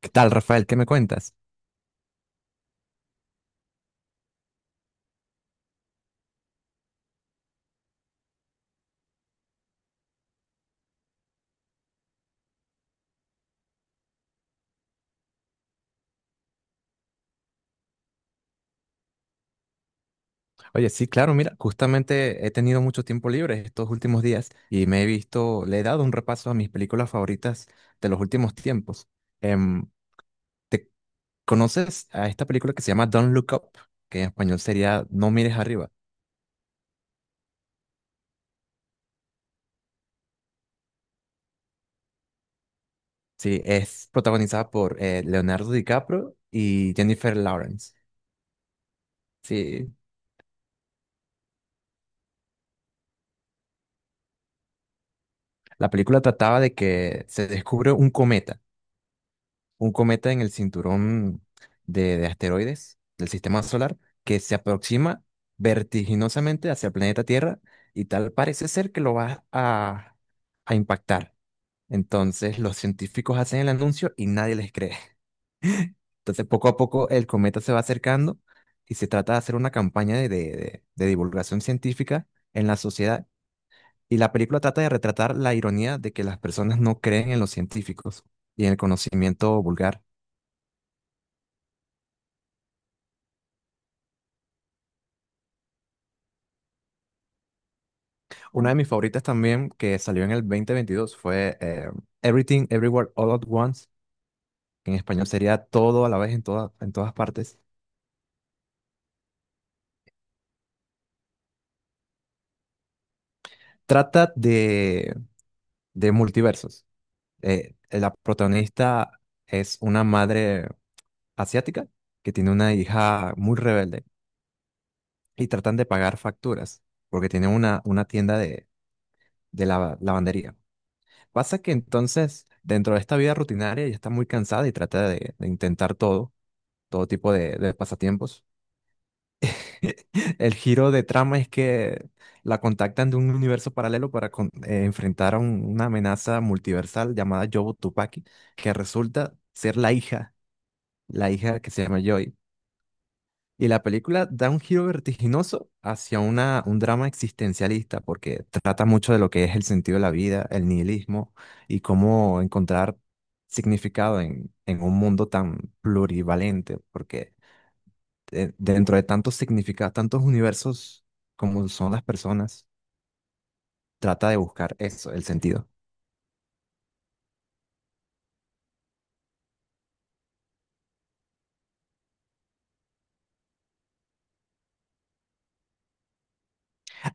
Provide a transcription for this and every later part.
¿Qué tal, Rafael? ¿Qué me cuentas? Oye, sí, claro, mira, justamente he tenido mucho tiempo libre estos últimos días y me he visto, le he dado un repaso a mis películas favoritas de los últimos tiempos. Em, ¿Te conoces a esta película que se llama Don't Look Up, que en español sería No mires arriba? Sí, es protagonizada por Leonardo DiCaprio y Jennifer Lawrence. Sí, la película trataba de que se descubre un cometa en el cinturón de asteroides del sistema solar que se aproxima vertiginosamente hacia el planeta Tierra y tal parece ser que a impactar. Entonces los científicos hacen el anuncio y nadie les cree. Entonces poco a poco el cometa se va acercando y se trata de hacer una campaña de divulgación científica en la sociedad. Y la película trata de retratar la ironía de que las personas no creen en los científicos y en el conocimiento vulgar. Una de mis favoritas también que salió en el 2022 fue Everything Everywhere All at Once, que en español sería todo a la vez en todas partes. Trata de multiversos. La protagonista es una madre asiática que tiene una hija muy rebelde y tratan de pagar facturas porque tiene una tienda de lavandería. Pasa que entonces, dentro de esta vida rutinaria, ella está muy cansada y trata de intentar todo, todo tipo de pasatiempos. El giro de trama es que la contactan de un universo paralelo para enfrentar a una amenaza multiversal llamada Yobo Tupaki, que resulta ser la hija que se llama Joy. Y la película da un giro vertiginoso hacia un drama existencialista, porque trata mucho de lo que es el sentido de la vida, el nihilismo y cómo encontrar significado en un mundo tan plurivalente, porque dentro de tantos significados, tantos universos como son las personas, trata de buscar eso, el sentido.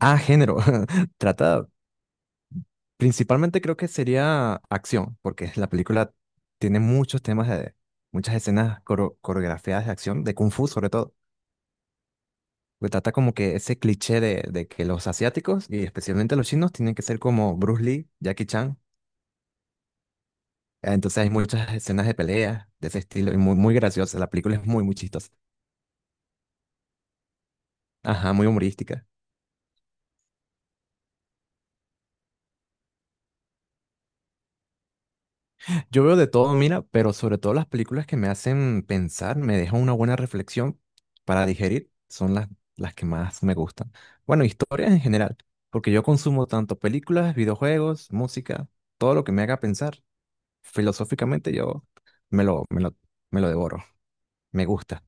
Ah, género. Trata, principalmente creo que sería acción, porque la película tiene muchos temas de, muchas escenas coreografiadas de acción, de Kung Fu sobre todo, que trata como que ese cliché de que los asiáticos y especialmente los chinos tienen que ser como Bruce Lee, Jackie Chan. Entonces hay muchas escenas de pelea de ese estilo y muy, muy graciosa. La película es muy, muy chistosa. Ajá, muy humorística. Yo veo de todo, mira, pero sobre todo las películas que me hacen pensar, me dejan una buena reflexión para digerir, son las que más me gustan. Bueno, historias en general, porque yo consumo tanto películas, videojuegos, música, todo lo que me haga pensar filosóficamente, yo me lo, me lo, me lo devoro. Me gusta.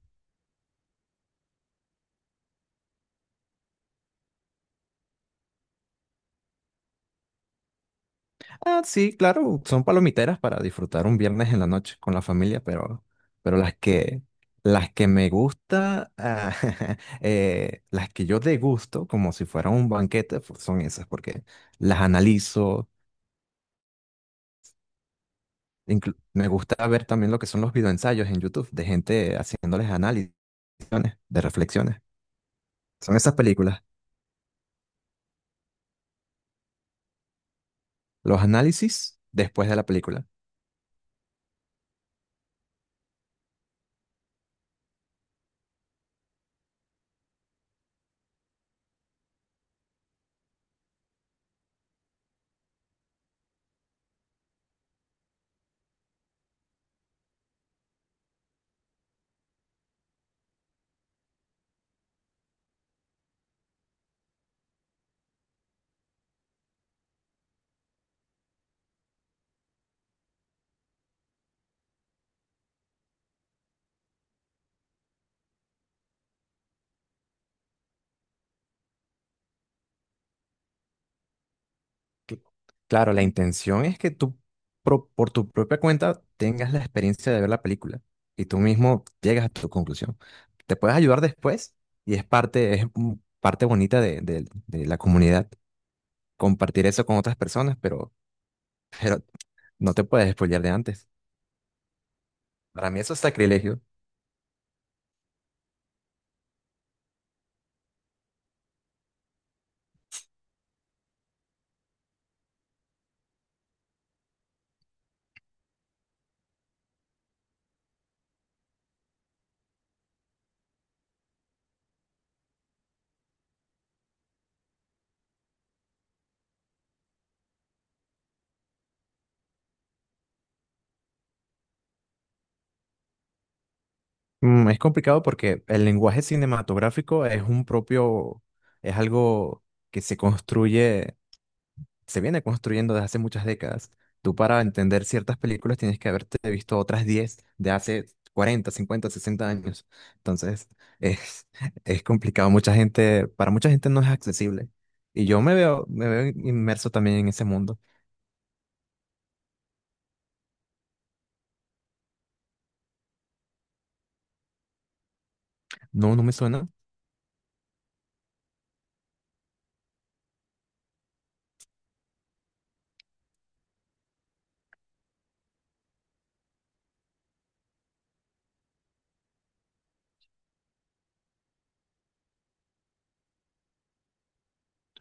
Ah, sí, claro, son palomiteras para disfrutar un viernes en la noche con la familia, pero las que me gusta, ah, las que yo degusto como si fuera un banquete, pues, son esas, porque las analizo. Me gusta ver también lo que son los videoensayos en YouTube de gente haciéndoles análisis, de reflexiones. Son esas películas, los análisis después de la película. Cl- Claro, la intención es que tú, por tu propia cuenta, tengas la experiencia de ver la película y tú mismo llegas a tu conclusión. Te puedes ayudar después y es parte, es parte bonita de, de la comunidad, compartir eso con otras personas, pero no te puedes spoilear de antes. Para mí eso es sacrilegio. Mm, es complicado porque el lenguaje cinematográfico es un propio, es algo que se construye se viene construyendo desde hace muchas décadas. Tú para entender ciertas películas tienes que haberte visto otras 10 de hace 40, 50, 60 años. Entonces, es, es complicado. Mucha gente, para mucha gente no es accesible. Y yo me veo inmerso también en ese mundo. No, no me suena.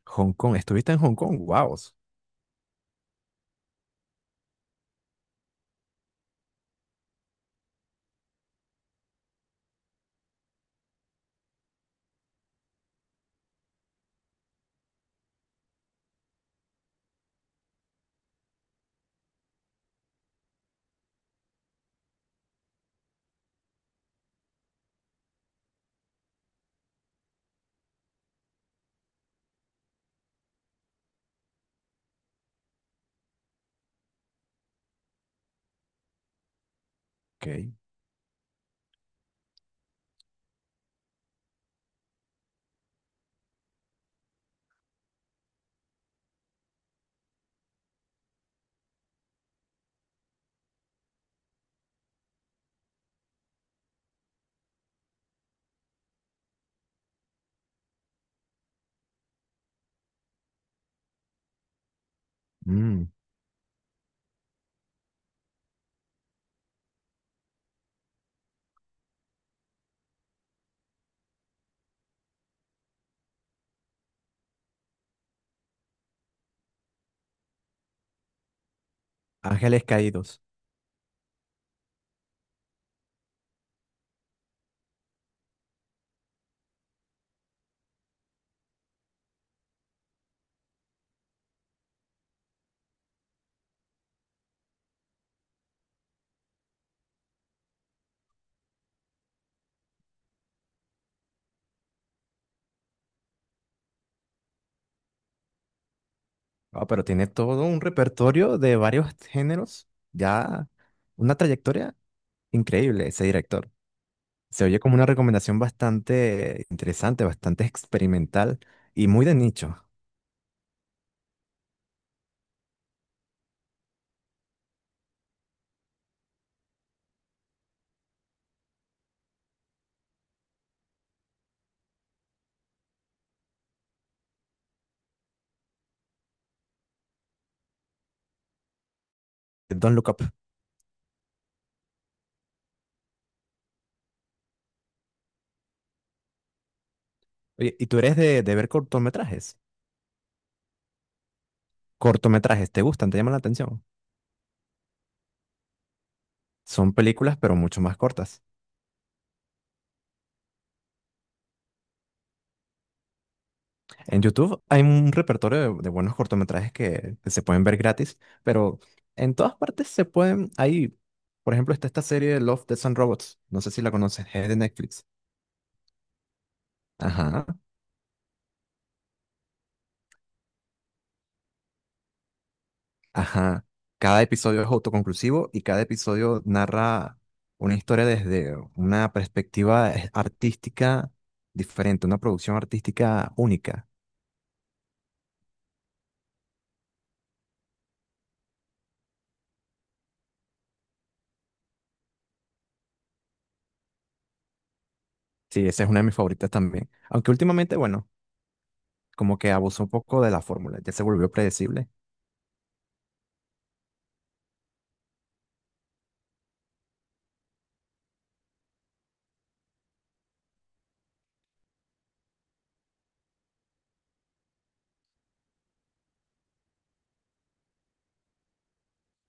Hong Kong. ¿Estuviste en Hong Kong? Wow. Ok. Mm, Ángeles Caídos. Ah, pero tiene todo un repertorio de varios géneros. Ya una trayectoria increíble ese director. Se oye como una recomendación bastante interesante, bastante experimental y muy de nicho. Don't Look Up. Oye, ¿y tú eres de ver cortometrajes? Cortometrajes, ¿te gustan? ¿Te llaman la atención? Son películas, pero mucho más cortas. En YouTube hay un repertorio de buenos cortometrajes que se pueden ver gratis, pero en todas partes se pueden... Hay, por ejemplo, está esta serie Love, Death and Robots. No sé si la conoces, es de Netflix. Ajá. Ajá. Cada episodio es autoconclusivo y cada episodio narra una historia desde una perspectiva artística diferente, una producción artística única. Sí, esa es una de mis favoritas también. Aunque últimamente, bueno, como que abusó un poco de la fórmula, ya se volvió predecible.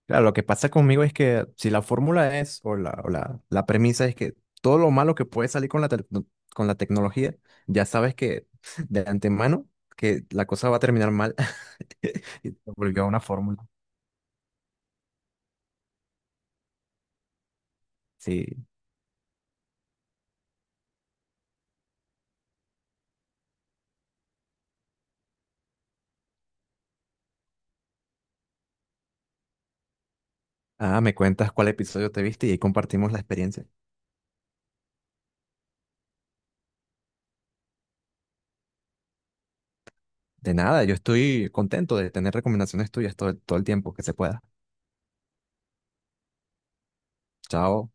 Claro, lo que pasa conmigo es que si la fórmula es, la premisa es que todo lo malo que puede salir con la, tec- no, con la tecnología, ya sabes que de antemano que la cosa va a terminar mal. Y se una fórmula. Sí. Ah, me cuentas cuál episodio te viste y ahí compartimos la experiencia. De nada, yo estoy contento de tener recomendaciones tuyas todo, todo el tiempo que se pueda. Chao.